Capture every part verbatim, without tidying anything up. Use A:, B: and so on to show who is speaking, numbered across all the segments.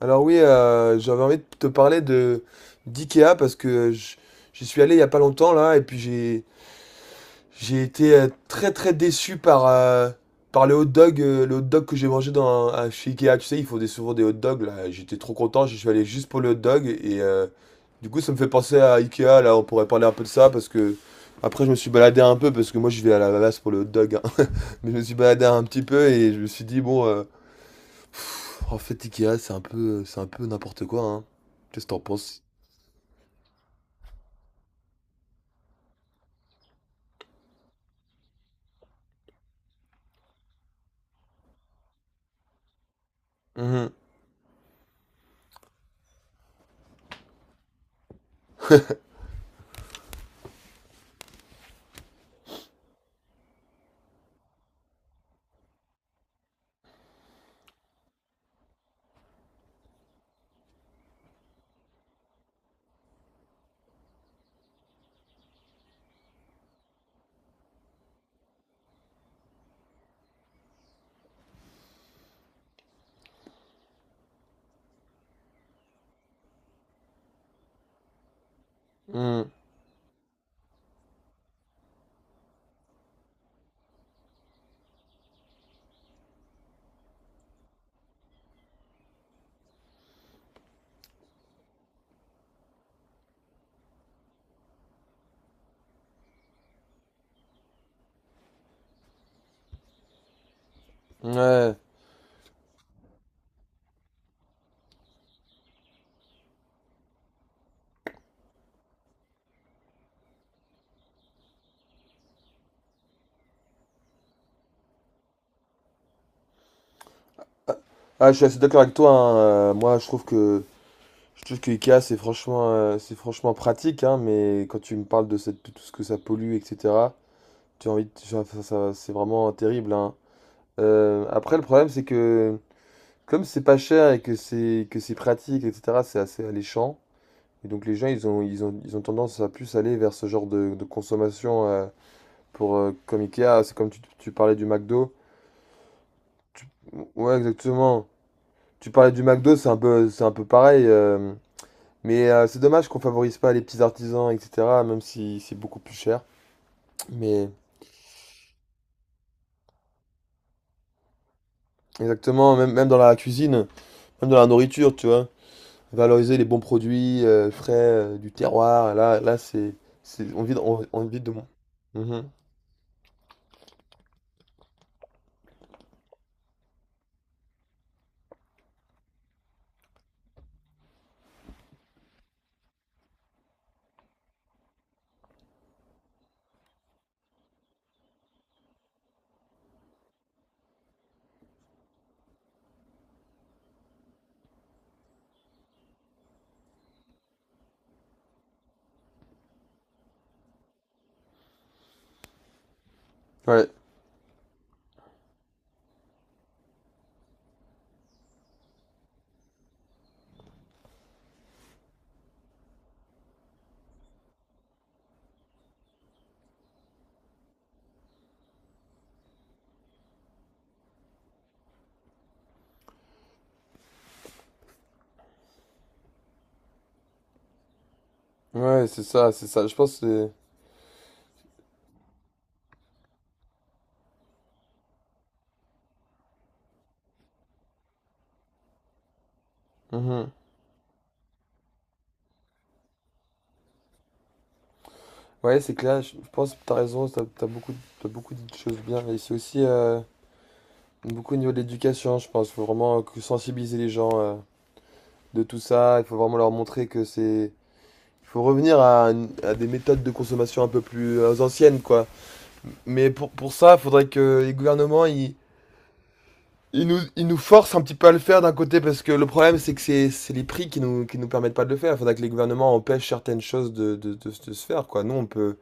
A: Alors oui, euh, j'avais envie de te parler de d'IKEA parce que j- j'y suis allé il y a pas longtemps là et puis j'ai j'ai été euh, très très déçu par euh, par le hot dog euh, le hot dog que j'ai mangé dans à- chez IKEA. Tu sais, ils font des, souvent des hot dogs là. J'étais trop content, je suis allé juste pour le hot dog et euh, du coup ça me fait penser à IKEA là. On pourrait parler un peu de ça parce que après je me suis baladé un peu parce que moi je vais à la base pour le hot dog, hein. Mais je me suis baladé un petit peu et je me suis dit bon. euh, En fait, Ikea, c'est un peu, c'est un peu n'importe quoi, hein. Qu'est-ce que t'en penses? Mhm, mhm, ouais. Ah, ah, je suis assez d'accord avec toi, hein. Euh, moi, je trouve que je trouve que Ikea, c'est franchement, euh, c'est franchement pratique, hein, mais quand tu me parles de, cette, de tout ce que ça pollue, et cetera, tu as envie de- ça, ça- ça- c'est vraiment terrible, hein. Euh, après, le problème, c'est que comme c'est pas cher et que c'est que c'est pratique, et cetera, c'est assez alléchant. Et donc les gens, ils ont, ils ont, ils ont tendance à plus aller vers ce genre de, de consommation. euh, Pour euh, comme Ikea, c'est comme tu, tu parlais du McDo. Tu- ouais, exactement. Tu parlais du McDo, c'est un peu, c'est un peu pareil. euh, Mais euh, c'est dommage qu'on favorise pas les petits artisans, et cetera. Même si c'est beaucoup plus cher. Mais exactement, même, même dans la cuisine, même dans la nourriture, tu vois. Valoriser les bons produits euh, frais euh, du terroir. Là, là, c'est, c'est, on vit, on, on vit de moins. Mhm. Ouais, ouais, c'est ça, c'est ça. Je pense que c'est. Mhm. Ouais, c'est clair, je je pense que t'as raison, t'as, t'as beaucoup, t'as beaucoup dit de choses bien. Et c'est aussi euh, beaucoup au niveau de l'éducation, je pense. Il faut vraiment euh, que sensibiliser les gens euh, de tout ça. Il faut vraiment leur montrer que c'est. Il faut revenir à, une- à des méthodes de consommation un peu plus euh, anciennes, quoi. Mais pour, pour ça, il faudrait que les gouvernements, ils, ils nous, ils nous forcent un petit peu à le faire d'un côté, parce que le problème, c'est que c'est, c'est les prix qui nous, qui nous permettent pas de le faire. Il faudrait que les gouvernements empêchent certaines choses de, de, de- de se faire, quoi. Nous, on peut.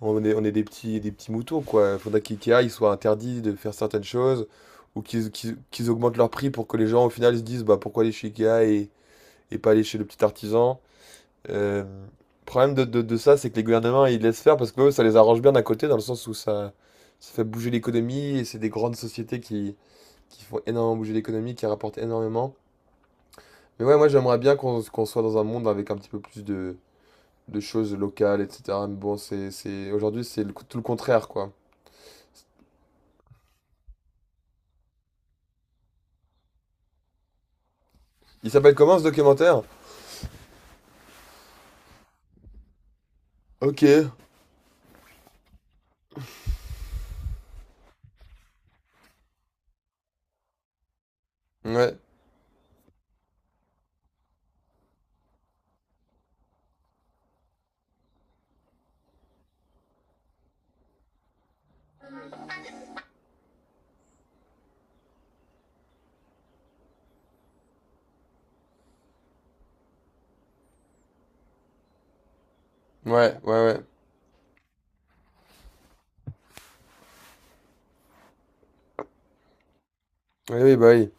A: On est, on est des petits, des petits moutons, quoi. Il faudrait qu'IKEA il soit interdit de faire certaines choses ou qu'ils qu'ils- qu'ils augmentent leur prix pour que les gens, au final, se disent bah, pourquoi aller chez IKEA et, et pas aller chez le petit artisan. Euh, Problème de, de, de ça, c'est que les gouvernements, ils laissent faire parce que eux, ça les arrange bien d'un côté, dans le sens où ça, ça fait bouger l'économie et c'est des grandes sociétés qui, qui font énormément bouger l'économie, qui rapportent énormément. Mais ouais, moi, j'aimerais bien qu'on qu'on soit dans un monde avec un petit peu plus de, de choses locales, et cetera. Mais bon, c'est, c'est, aujourd'hui, c'est le- tout le contraire, quoi. Il s'appelle comment ce documentaire? Ok. Ouais. Ouais, ouais, ouais. Oui, oui, bah oui.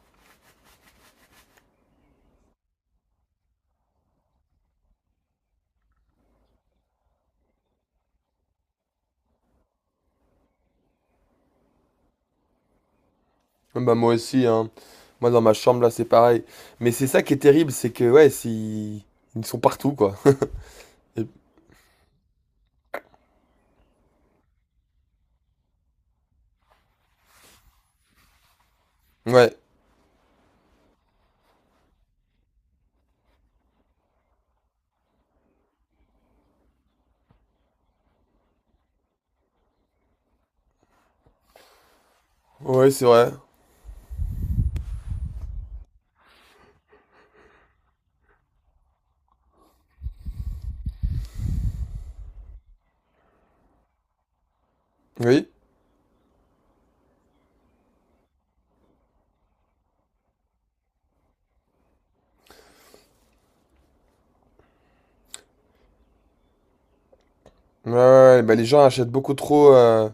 A: Ouais, bah moi aussi, hein. Moi dans ma chambre là, c'est pareil. Mais c'est ça qui est terrible, c'est que ouais, c'est- ils sont partout quoi. Et- Ouais, ouais, c'est vrai. Oui. Ouais, ouais, ouais. Bah les gens achètent beaucoup trop, euh,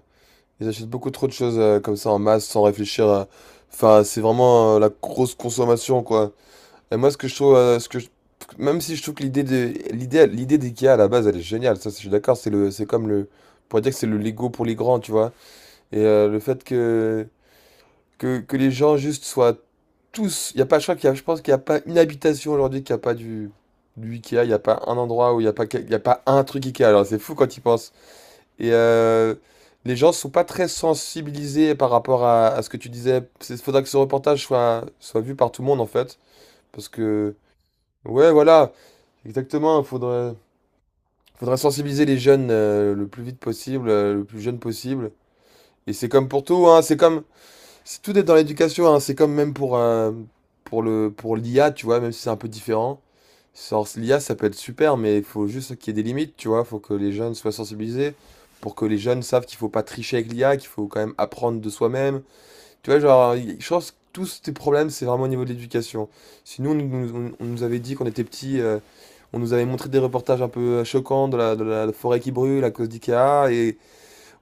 A: ils achètent beaucoup trop de choses euh, comme ça en masse sans réfléchir. à- Enfin, c'est vraiment euh, la grosse consommation quoi. Et moi, ce que je trouve, euh, ce que je- même si je trouve que l'idée de l'idée l'idée d'IKEA à la base, elle est géniale. Ça, je suis d'accord. C'est le, c'est comme le, on pourrait dire que c'est le Lego pour les grands, tu vois. Et euh, le fait que, que que les gens juste soient tous, il y a pas, je crois qu'il y a, je pense qu'il y a pas une habitation aujourd'hui qui a pas du du IKEA. Il y a pas un endroit où il y a pas, quel- il y a pas un truc IKEA. Alors c'est fou quand ils pensent. Et euh, les gens sont pas très sensibilisés par rapport à, à ce que tu disais. Il faudra que ce reportage soit soit vu par tout le monde en fait, parce que ouais, voilà. Exactement, il faudrait, faudrait sensibiliser les jeunes euh, le plus vite possible, euh, le plus jeune possible. Et c'est comme pour tout, hein, c'est comme, c'est tout est dans l'éducation, hein, c'est comme même pour, euh, pour le, pour l'I A, tu vois, même si c'est un peu différent. Sans l'I A, ça peut être super, mais il faut juste qu'il y ait des limites, tu vois. Il faut que les jeunes soient sensibilisés, pour que les jeunes savent qu'il faut pas tricher avec l'I A, qu'il faut quand même apprendre de soi-même, tu vois, genre, je pense que tous tes problèmes, c'est vraiment au niveau de l'éducation. Si nous, on, nous on nous avait dit qu'on était petits, euh, on nous avait montré des reportages un peu euh, choquants de la, de la forêt qui brûle à cause d'IKEA, et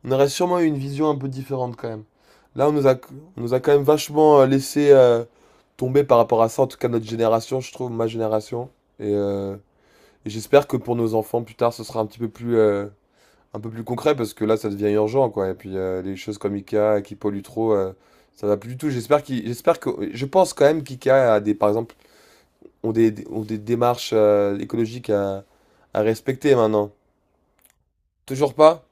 A: on aurait sûrement eu une vision un peu différente quand même. Là, on nous a, on nous a quand même vachement euh, laissé euh, tomber par rapport à ça, en tout cas notre génération, je trouve, ma génération. Et, euh, et j'espère que pour nos enfants, plus tard, ce sera un petit peu plus, euh, un peu plus concret parce que là ça devient urgent quoi et puis euh, les choses comme Ikea qui polluent trop euh, ça va plus du tout. J'espère qu'il j'espère que je pense quand même qu'Ikea a des par exemple ont des des- ont des démarches euh, écologiques à, à respecter maintenant toujours pas.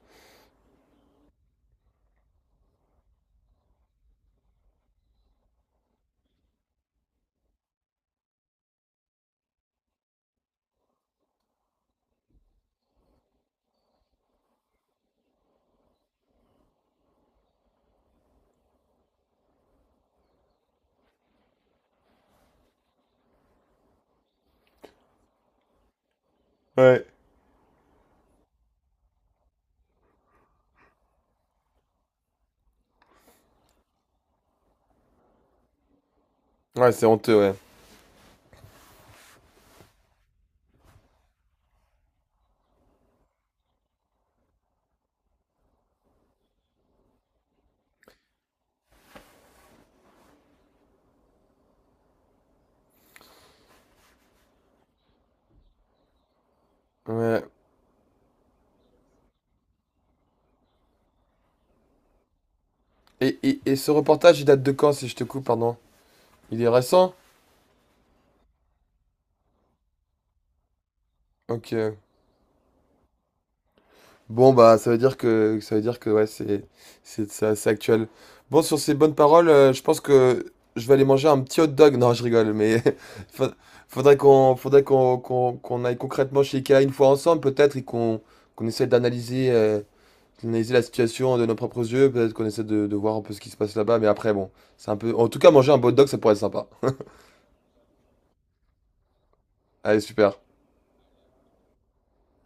A: Ouais. Ouais c'est honteux ouais ouais. Et, et, et ce reportage il date de quand si je te coupe pardon, il est récent. Ok. Bon, bah, ça veut dire que, ça veut dire que, ouais, c'est, c'est, c'est assez actuel. Bon, sur ces bonnes paroles, euh, je pense que je vais aller manger un petit hot dog. Non, je rigole, mais fa- faudrait qu'on, faudrait qu'on, qu'on, qu'on aille concrètement chez Ikea une fois ensemble, peut-être, et qu'on, qu'on essaie d'analyser, euh, d'analyser la situation de nos propres yeux. Peut-être qu'on essaie de, de voir un peu ce qui se passe là-bas, mais après, bon, c'est un peu, en tout cas, manger un hot dog, ça pourrait être sympa. Allez, super.